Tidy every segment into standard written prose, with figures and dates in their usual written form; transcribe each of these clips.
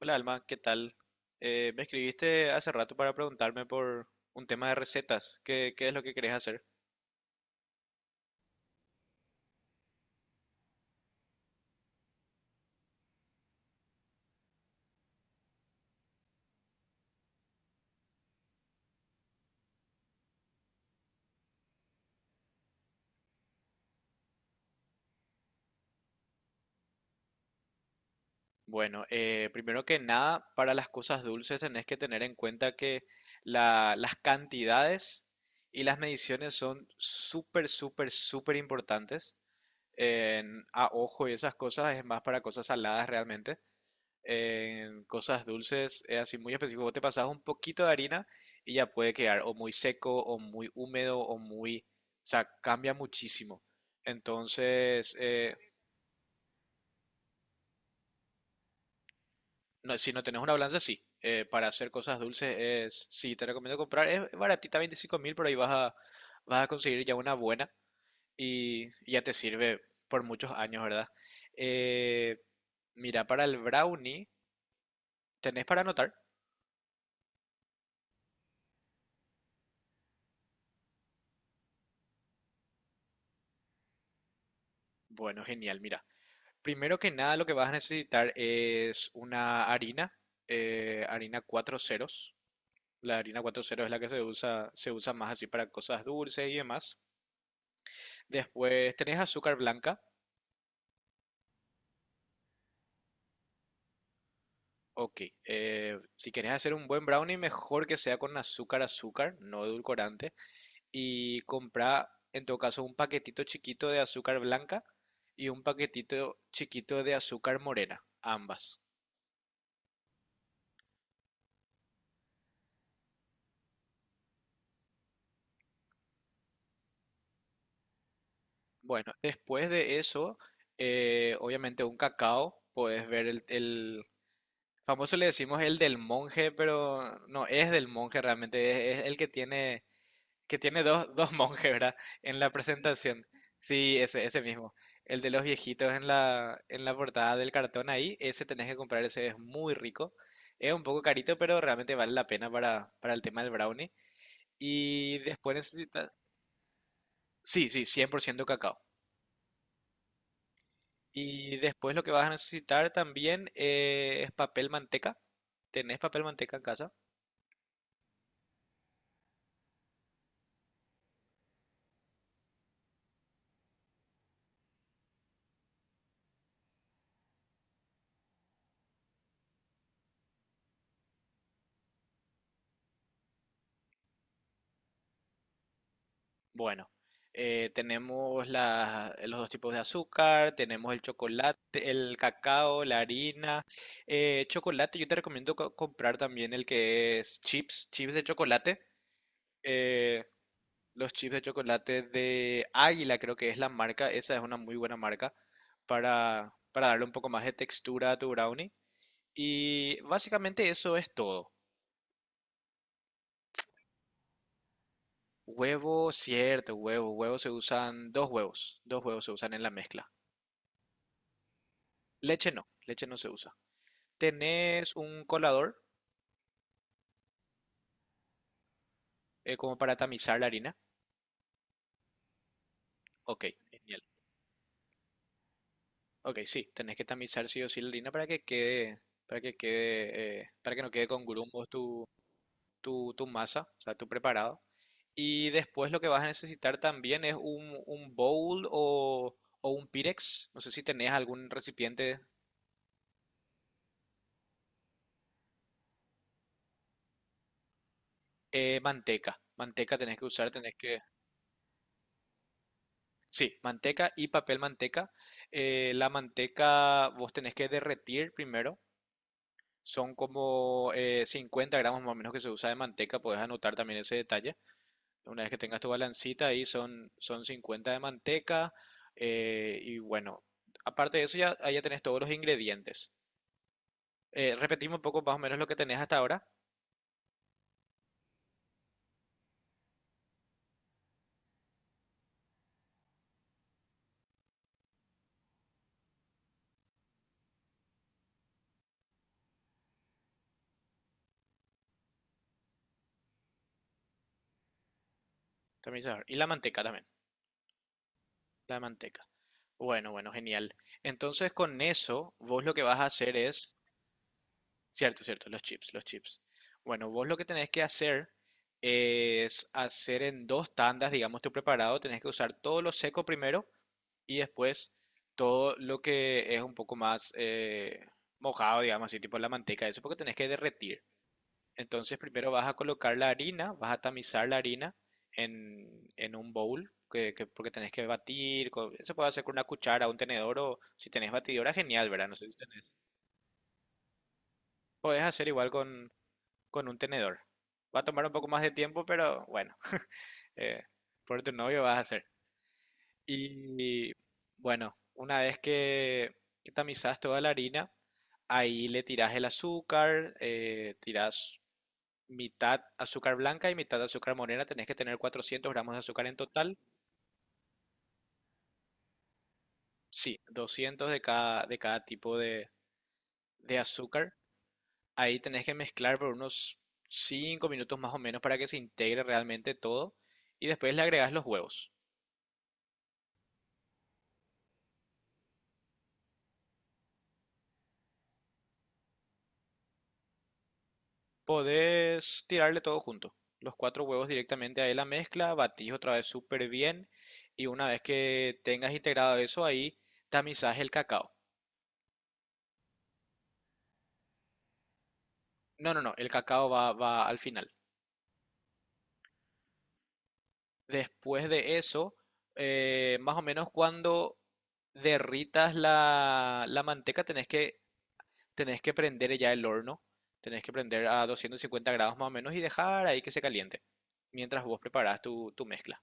Hola Alma, ¿qué tal? Me escribiste hace rato para preguntarme por un tema de recetas. ¿¿Qué es lo que querés hacer? Bueno, primero que nada, para las cosas dulces tenés que tener en cuenta que las cantidades y las mediciones son súper, súper, súper importantes. A ojo y esas cosas es más para cosas saladas realmente. En cosas dulces es así muy específico. Vos te pasas un poquito de harina y ya puede quedar o muy seco o muy húmedo o muy... O sea, cambia muchísimo. Entonces, si no tenés una balanza, sí. Para hacer cosas dulces es... Sí, te recomiendo comprar. Es baratita, 25.000, pero ahí vas a conseguir ya una buena y ya te sirve por muchos años, ¿verdad? Eh, mira, para el brownie, ¿tenés para anotar? Bueno, genial, mira. Primero que nada, lo que vas a necesitar es una harina, harina 0000. La harina 0000 es la que se usa más así para cosas dulces y demás. Después tenés azúcar blanca. Ok, si querés hacer un buen brownie, mejor que sea con azúcar, azúcar, no edulcorante. Y compra, en todo caso, un paquetito chiquito de azúcar blanca y un paquetito chiquito de azúcar morena, ambas. Bueno, después de eso, obviamente un cacao, puedes ver famoso, le decimos el del monje, pero no es del monje realmente, es el que tiene dos, dos monjes, ¿verdad? En la presentación. Sí, ese mismo. El de los viejitos en en la portada del cartón ahí, ese tenés que comprar, ese es muy rico. Es un poco carito, pero realmente vale la pena para el tema del brownie. Y después necesitas... Sí, sí, 100% cacao. Y después lo que vas a necesitar también es papel manteca. ¿Tenés papel manteca en casa? Bueno, tenemos los dos tipos de azúcar, tenemos el chocolate, el cacao, la harina. Chocolate, yo te recomiendo comprar también el que es chips, chips de chocolate. Eh, los chips de chocolate de Águila creo que es la marca, esa es una muy buena marca para darle un poco más de textura a tu brownie. Y básicamente eso es todo. Huevo, cierto, huevo, huevo se usan 2 huevos, 2 huevos se usan en la mezcla. Leche no se usa. ¿Tenés un colador como para tamizar la harina? Ok, genial. Ok, sí, tenés que tamizar sí o sí la harina para que quede, para que quede, para que no quede con grumos tu masa, o sea, tu preparado. Y después lo que vas a necesitar también es un bowl o un pirex. No sé si tenés algún recipiente, manteca. Manteca tenés que usar, tenés que... Sí, manteca y papel manteca. La manteca vos tenés que derretir primero. Son como 50 gramos más o menos que se usa de manteca. Podés anotar también ese detalle. Una vez que tengas tu balancita ahí son 50 de manteca. Eh, y bueno, aparte de eso ya, ahí ya tenés todos los ingredientes. Repetimos un poco más o menos lo que tenés hasta ahora. También, sabor. Y la manteca también. La manteca. Bueno, bueno, genial. Entonces con eso, vos lo que vas a hacer es cierto, cierto, los chips, los chips. Bueno, vos lo que tenés que hacer es hacer en dos tandas, digamos, tu preparado. Tenés que usar todo lo seco primero y después todo lo que es un poco más mojado, digamos, así tipo la manteca, eso porque tenés que derretir. Entonces primero vas a colocar la harina, vas a tamizar la harina en un bowl, porque tenés que batir. Se puede hacer con una cuchara, un tenedor o si tenés batidora, genial, ¿verdad? No sé si tenés. Podés hacer igual con un tenedor. Va a tomar un poco más de tiempo, pero bueno, eh, por tu novio vas a hacer. Y bueno, una vez que tamizas toda la harina, ahí le tirás el azúcar, tirás mitad azúcar blanca y mitad azúcar morena. Tenés que tener 400 gramos de azúcar en total. Sí, 200 de cada tipo de azúcar. Ahí tenés que mezclar por unos 5 minutos más o menos para que se integre realmente todo. Y después le agregás los huevos. Podés tirarle todo junto, los 4 huevos directamente ahí a la mezcla, batís otra vez súper bien y una vez que tengas integrado eso ahí, tamizás el cacao. No, no, no, el cacao va, va al final. Después de eso, más o menos cuando derritas la manteca tenés que prender ya el horno, tenés que prender a 250 grados más o menos y dejar ahí que se caliente mientras vos preparás tu mezcla.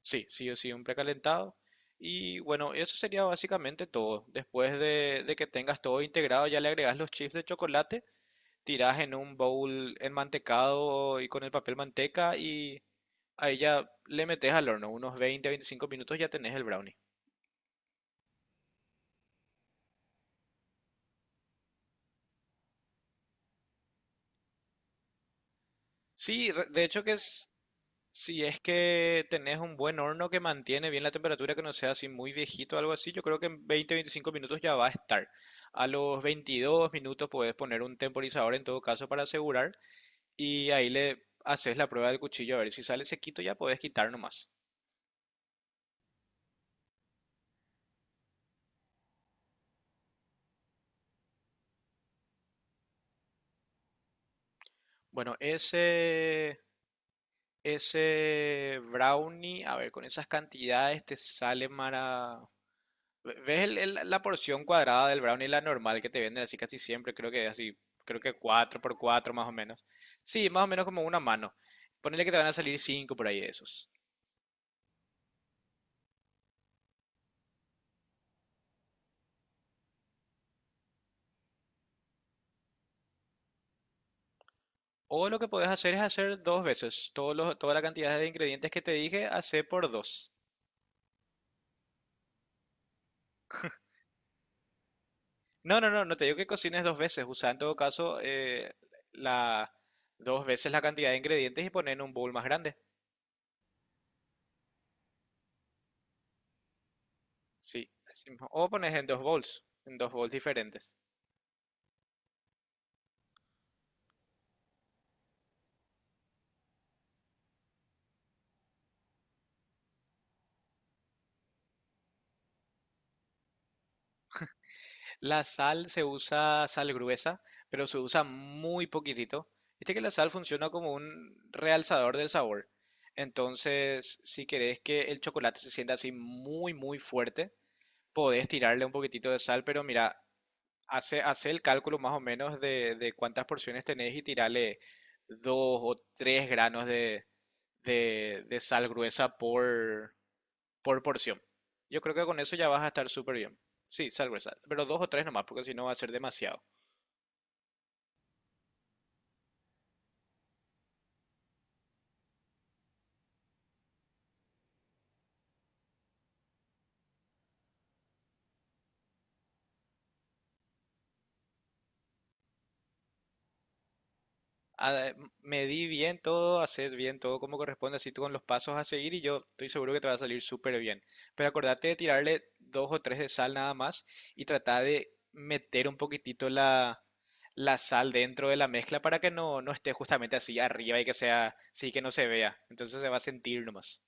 Sí, sí o sí, un precalentado. Y bueno, eso sería básicamente todo. Después de que tengas todo integrado, ya le agregas los chips de chocolate, tiras en un bowl enmantecado y con el papel manteca y ahí ya le metes al horno. Unos 20 a 25 minutos ya tenés el brownie. Sí, re- de hecho que es si es que tenés un buen horno que mantiene bien la temperatura, que no sea así muy viejito o algo así, yo creo que en 20 a 25 minutos ya va a estar. A los 22 minutos puedes poner un temporizador en todo caso para asegurar y ahí le haces la prueba del cuchillo a ver si sale sequito ya puedes quitar nomás. Bueno, ese brownie, a ver, con esas cantidades te sale mara- ¿Ves la porción cuadrada del brownie, la normal que te venden así casi siempre? Creo que así, creo que 4 por 4 más o menos. Sí, más o menos como una mano. Ponele que te van a salir 5 por ahí de esos. O lo que podés hacer es hacer dos veces. Todos toda la cantidad de ingredientes que te dije, hacé por dos. No, no, no, no te digo que cocines dos veces. Usa en todo caso la, dos veces la cantidad de ingredientes y poner en un bowl más grande. Sí, así mismo. O pones en dos bowls diferentes. La sal se usa sal gruesa, pero se usa muy poquitito. Viste que la sal funciona como un realzador del sabor. Entonces, si querés que el chocolate se sienta así muy, muy fuerte, podés tirarle un poquitito de sal, pero mira, hace, hace el cálculo más o menos de cuántas porciones tenés y tirarle dos o tres granos de sal gruesa por porción. Yo creo que con eso ya vas a estar súper bien. Sí, salvo sal gruesa, pero dos o tres nomás, porque si no va a ser demasiado. Ah, medí bien todo, haced bien todo como corresponde, así tú con los pasos a seguir y yo estoy seguro que te va a salir súper bien. Pero acordate de tirarle dos o tres de sal nada más y trata de meter un poquitito la sal dentro de la mezcla para que no, no esté justamente así arriba y que sea, sí que no se vea. Entonces se va a sentir nomás.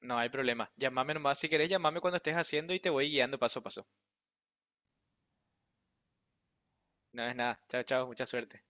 No hay problema. Llámame nomás si querés, llámame cuando estés haciendo y te voy guiando paso a paso. No es nada. Chao, chao. Mucha suerte.